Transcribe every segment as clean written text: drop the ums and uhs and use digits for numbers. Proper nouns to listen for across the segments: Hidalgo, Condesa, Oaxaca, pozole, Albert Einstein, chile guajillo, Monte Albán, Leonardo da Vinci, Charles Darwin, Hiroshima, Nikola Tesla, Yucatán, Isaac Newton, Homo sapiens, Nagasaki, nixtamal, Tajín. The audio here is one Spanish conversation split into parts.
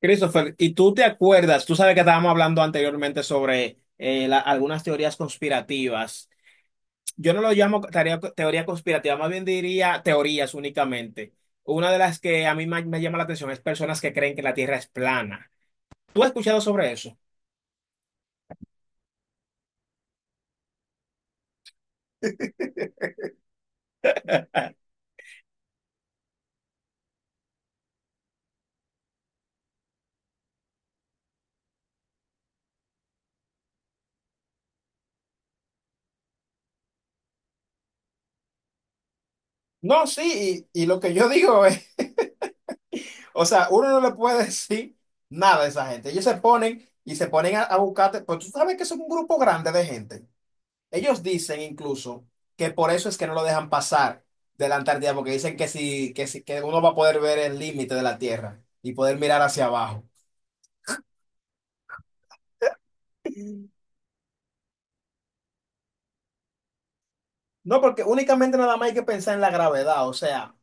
Christopher, ¿y tú te acuerdas? Tú sabes que estábamos hablando anteriormente sobre algunas teorías conspirativas. Yo no lo llamo teoría, teoría conspirativa, más bien diría teorías únicamente. Una de las que a mí llama la atención es personas que creen que la Tierra es plana. ¿Tú has escuchado sobre eso? No, sí, y lo que yo digo es, o sea, uno no le puede decir nada a esa gente. Ellos se ponen y se ponen a buscarte, pues tú sabes que es un grupo grande de gente. Ellos dicen incluso que por eso es que no lo dejan pasar de la Antártida, porque dicen que si, que si- que uno va a poder ver el límite de la Tierra y poder mirar hacia abajo. No, porque únicamente nada más hay que pensar en la gravedad, o sea,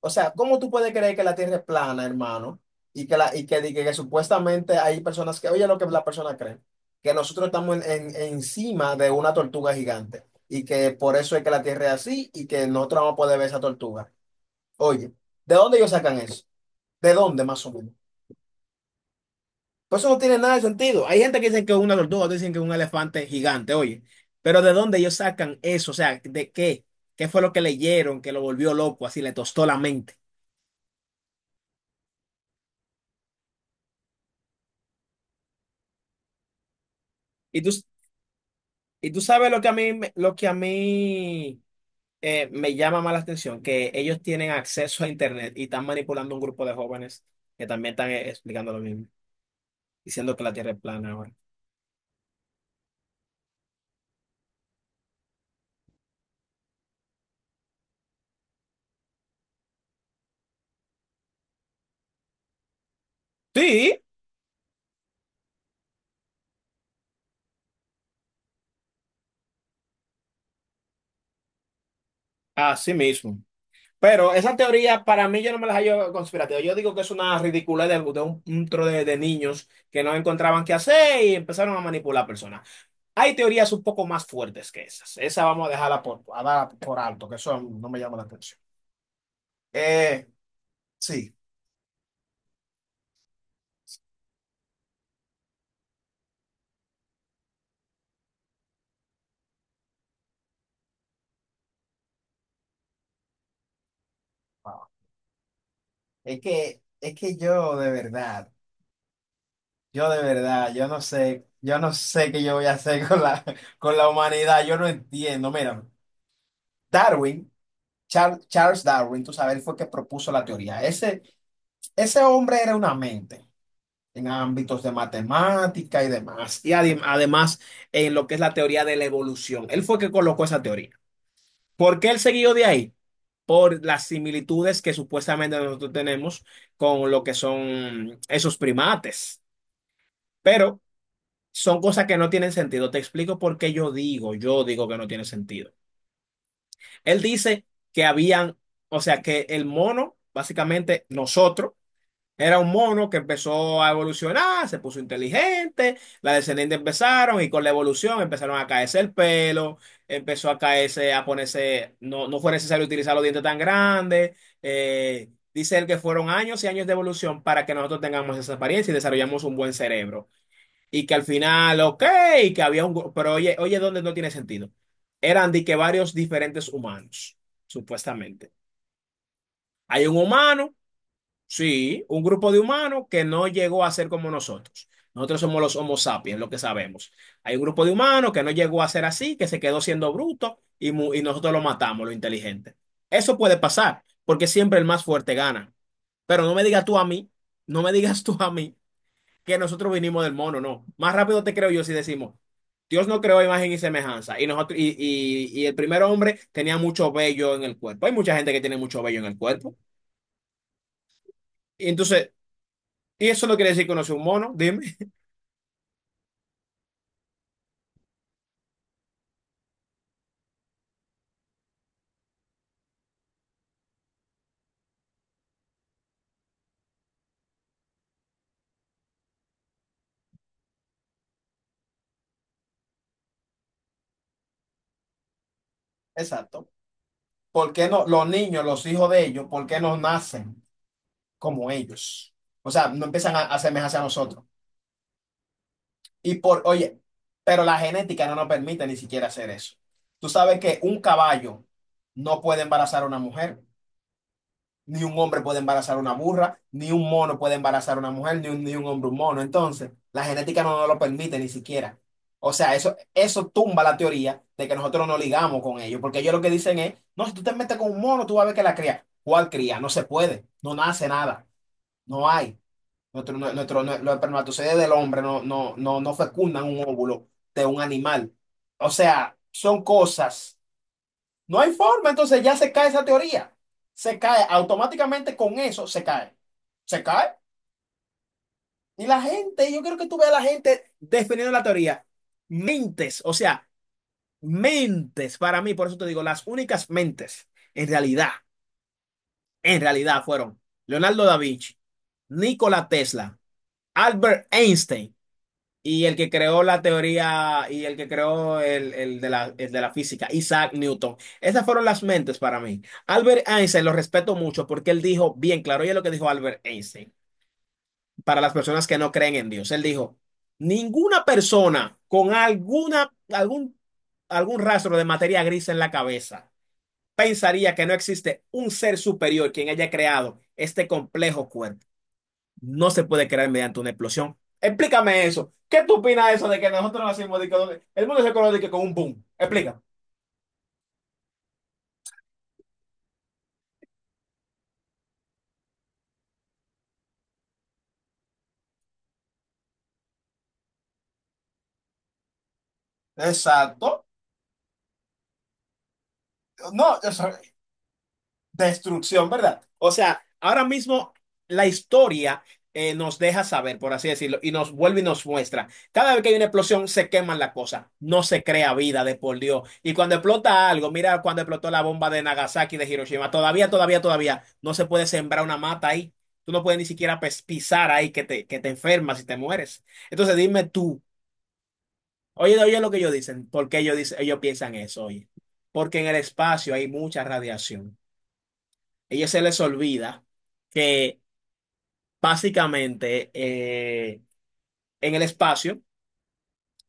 o sea, ¿cómo tú puedes creer que la Tierra es plana, hermano? Y que supuestamente hay personas que, oye, lo que las personas creen, que nosotros estamos encima de una tortuga gigante y que por eso es que la Tierra es así y que nosotros vamos a poder ver esa tortuga. Oye, ¿de dónde ellos sacan eso? ¿De dónde más o menos? Pues eso no tiene nada de sentido. Hay gente que dice que es una tortuga, otros dicen que es un elefante gigante, oye. Pero ¿de dónde ellos sacan eso? O sea, ¿de qué? ¿Qué fue lo que leyeron que lo volvió loco, así le tostó la mente? Y tú, y tú sabes lo que a mí me llama más la atención, que ellos tienen acceso a Internet y están manipulando un grupo de jóvenes que también están explicando lo mismo, diciendo que la Tierra es plana ahora. Sí, así mismo. Pero esa teoría para mí yo no me la hallo conspirativa. Yo digo que es una ridiculez de, un tro de niños que no encontraban qué hacer y empezaron a manipular personas. Hay teorías un poco más fuertes que esas. Esa vamos a dejarla por, a dar por alto, que eso no me llama la atención. Eh, sí, wow. Es que yo de verdad, yo no sé qué yo voy a hacer con la humanidad, yo no entiendo. Mira, Darwin, Charles Darwin, tú sabes, él fue el que propuso la teoría. Ese hombre era una mente en ámbitos de matemática y demás, y además en lo que es la teoría de la evolución. Él fue que colocó esa teoría. ¿Por qué él siguió de ahí? Por las similitudes que supuestamente nosotros tenemos con lo que son esos primates. Pero son cosas que no tienen sentido. Te explico por qué yo digo que no tiene sentido. Él dice que habían, o sea, que el mono, básicamente nosotros, era un mono que empezó a evolucionar, se puso inteligente, las descendientes empezaron y con la evolución empezaron a caerse el pelo, empezó a caerse, a ponerse, no, no fue necesario utilizar los dientes tan grandes. Dice él que fueron años y años de evolución para que nosotros tengamos esa apariencia y desarrollamos un buen cerebro. Y que al final, ok, que había Pero oye, ¿dónde no tiene sentido? Eran de que varios diferentes humanos, supuestamente. Hay un humano. Sí, un grupo de humanos que no llegó a ser como nosotros. Nosotros somos los Homo sapiens, lo que sabemos. Hay un grupo de humanos que no llegó a ser así, que se quedó siendo bruto y nosotros lo matamos, lo inteligente. Eso puede pasar, porque siempre el más fuerte gana. Pero no me digas tú a mí, no me digas tú a mí que nosotros vinimos del mono, no. Más rápido te creo yo si decimos, Dios no creó imagen y semejanza. Y nosotros, y el primer hombre tenía mucho vello en el cuerpo. Hay mucha gente que tiene mucho vello en el cuerpo. Y entonces y eso no quiere decir que uno sea un mono, dime. Exacto. ¿Por qué no los niños, los hijos de ellos, por qué no nacen como ellos? O sea, no empiezan a asemejarse a nosotros. Y por, oye, pero la genética no nos permite ni siquiera hacer eso. Tú sabes que un caballo no puede embarazar a una mujer. Ni un hombre puede embarazar una burra, ni un mono puede embarazar una mujer, ni un hombre un mono. Entonces, la genética no nos lo permite ni siquiera. O sea, eso tumba la teoría de que nosotros no ligamos con ellos, porque ellos lo que dicen es, no, si tú te metes con un mono, tú vas a ver que la cría. ¿Cuál cría? No se puede, no nace nada, no hay. Los espermatozoides del hombre no fecundan un óvulo de un animal. O sea, son cosas no hay forma, entonces ya se cae esa teoría. Se cae, automáticamente con eso se cae. Se cae. Y la gente, yo quiero que tú veas a la gente defendiendo la teoría. Mentes, o sea, mentes para mí, por eso te digo, las únicas mentes en realidad, en realidad fueron Leonardo da Vinci, Nikola Tesla, Albert Einstein y el que creó la teoría y el que creó el de la física, Isaac Newton. Esas fueron las mentes para mí. Albert Einstein lo respeto mucho porque él dijo bien claro, oye lo que dijo Albert Einstein, para las personas que no creen en Dios. Él dijo, ninguna persona con algún rastro de materia gris en la cabeza pensaría que no existe un ser superior quien haya creado este complejo cuerpo no se puede crear mediante una explosión. Explícame eso. ¿Qué tú opinas de eso de que nosotros nacimos de el mundo se conoce de que con un boom? Explica. Exacto. No, eso, Destrucción, ¿verdad? O sea, ahora mismo la historia nos deja saber, por así decirlo, y nos vuelve y nos muestra. Cada vez que hay una explosión, se queman las cosas. No se crea vida de por Dios. Y cuando explota algo, mira cuando explotó la bomba de Nagasaki de Hiroshima, todavía no se puede sembrar una mata ahí. Tú no puedes ni siquiera pisar ahí que te enfermas y te mueres. Entonces dime tú, oye, oye lo que ellos dicen, ¿por qué ellos piensan eso, oye? Porque en el espacio hay mucha radiación ellos se les olvida que básicamente en el espacio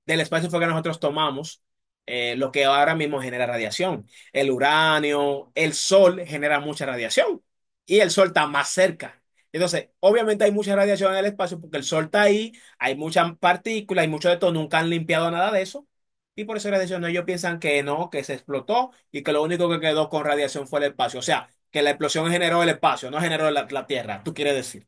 del espacio fue que nosotros tomamos lo que ahora mismo genera radiación. El uranio, el sol genera mucha radiación y el sol está más cerca. Entonces, obviamente hay mucha radiación en el espacio porque el sol está ahí, hay muchas partículas, hay mucho de todo, nunca han limpiado nada de eso. Y por eso la radiación, ellos piensan que no, que se explotó y que lo único que quedó con radiación fue el espacio. O sea, que la explosión generó el espacio, no generó la Tierra, tú quieres decir.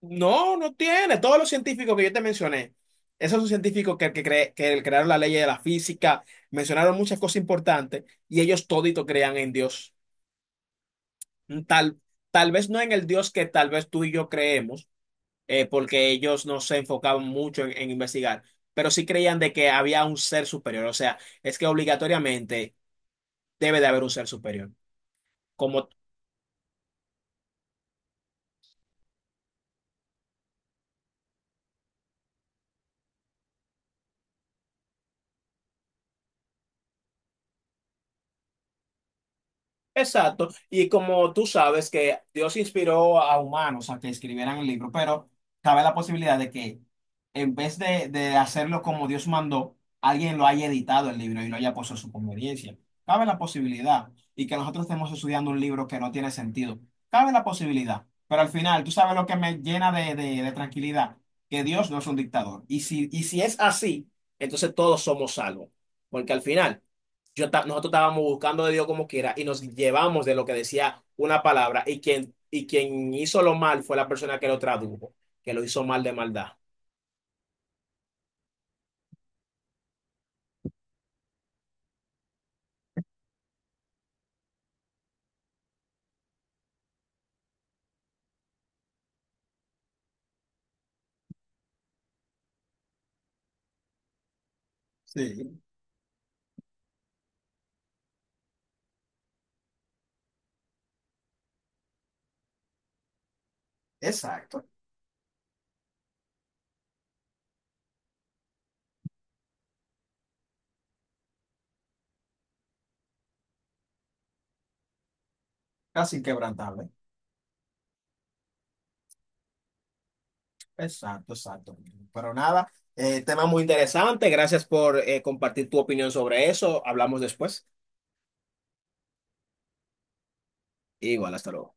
No, no tiene. Todos los científicos que yo te mencioné, esos son científicos que crearon la ley de la física, mencionaron muchas cosas importantes y ellos todito crean en Dios. Mm, Tal, tal vez no en el Dios que tal vez tú y yo creemos, porque ellos no se enfocaban mucho en investigar, pero sí creían de que había un ser superior. O sea, es que obligatoriamente debe de haber un ser superior. Como exacto, y como tú sabes que Dios inspiró a humanos a que escribieran el libro, pero cabe la posibilidad de que en vez de hacerlo como Dios mandó, alguien lo haya editado el libro y lo haya puesto a su conveniencia. Cabe la posibilidad y que nosotros estemos estudiando un libro que no tiene sentido. Cabe la posibilidad, pero al final, tú sabes lo que me llena de tranquilidad, que Dios no es un dictador. Y si es así, entonces todos somos salvos, porque al final nosotros estábamos buscando de Dios como quiera y nos llevamos de lo que decía una palabra y y quien hizo lo mal fue la persona que lo tradujo, que lo hizo mal de maldad. Sí, exacto. Casi inquebrantable. Exacto, exacto. Pero nada, tema muy interesante, gracias por compartir tu opinión sobre eso, hablamos después. Igual, hasta luego.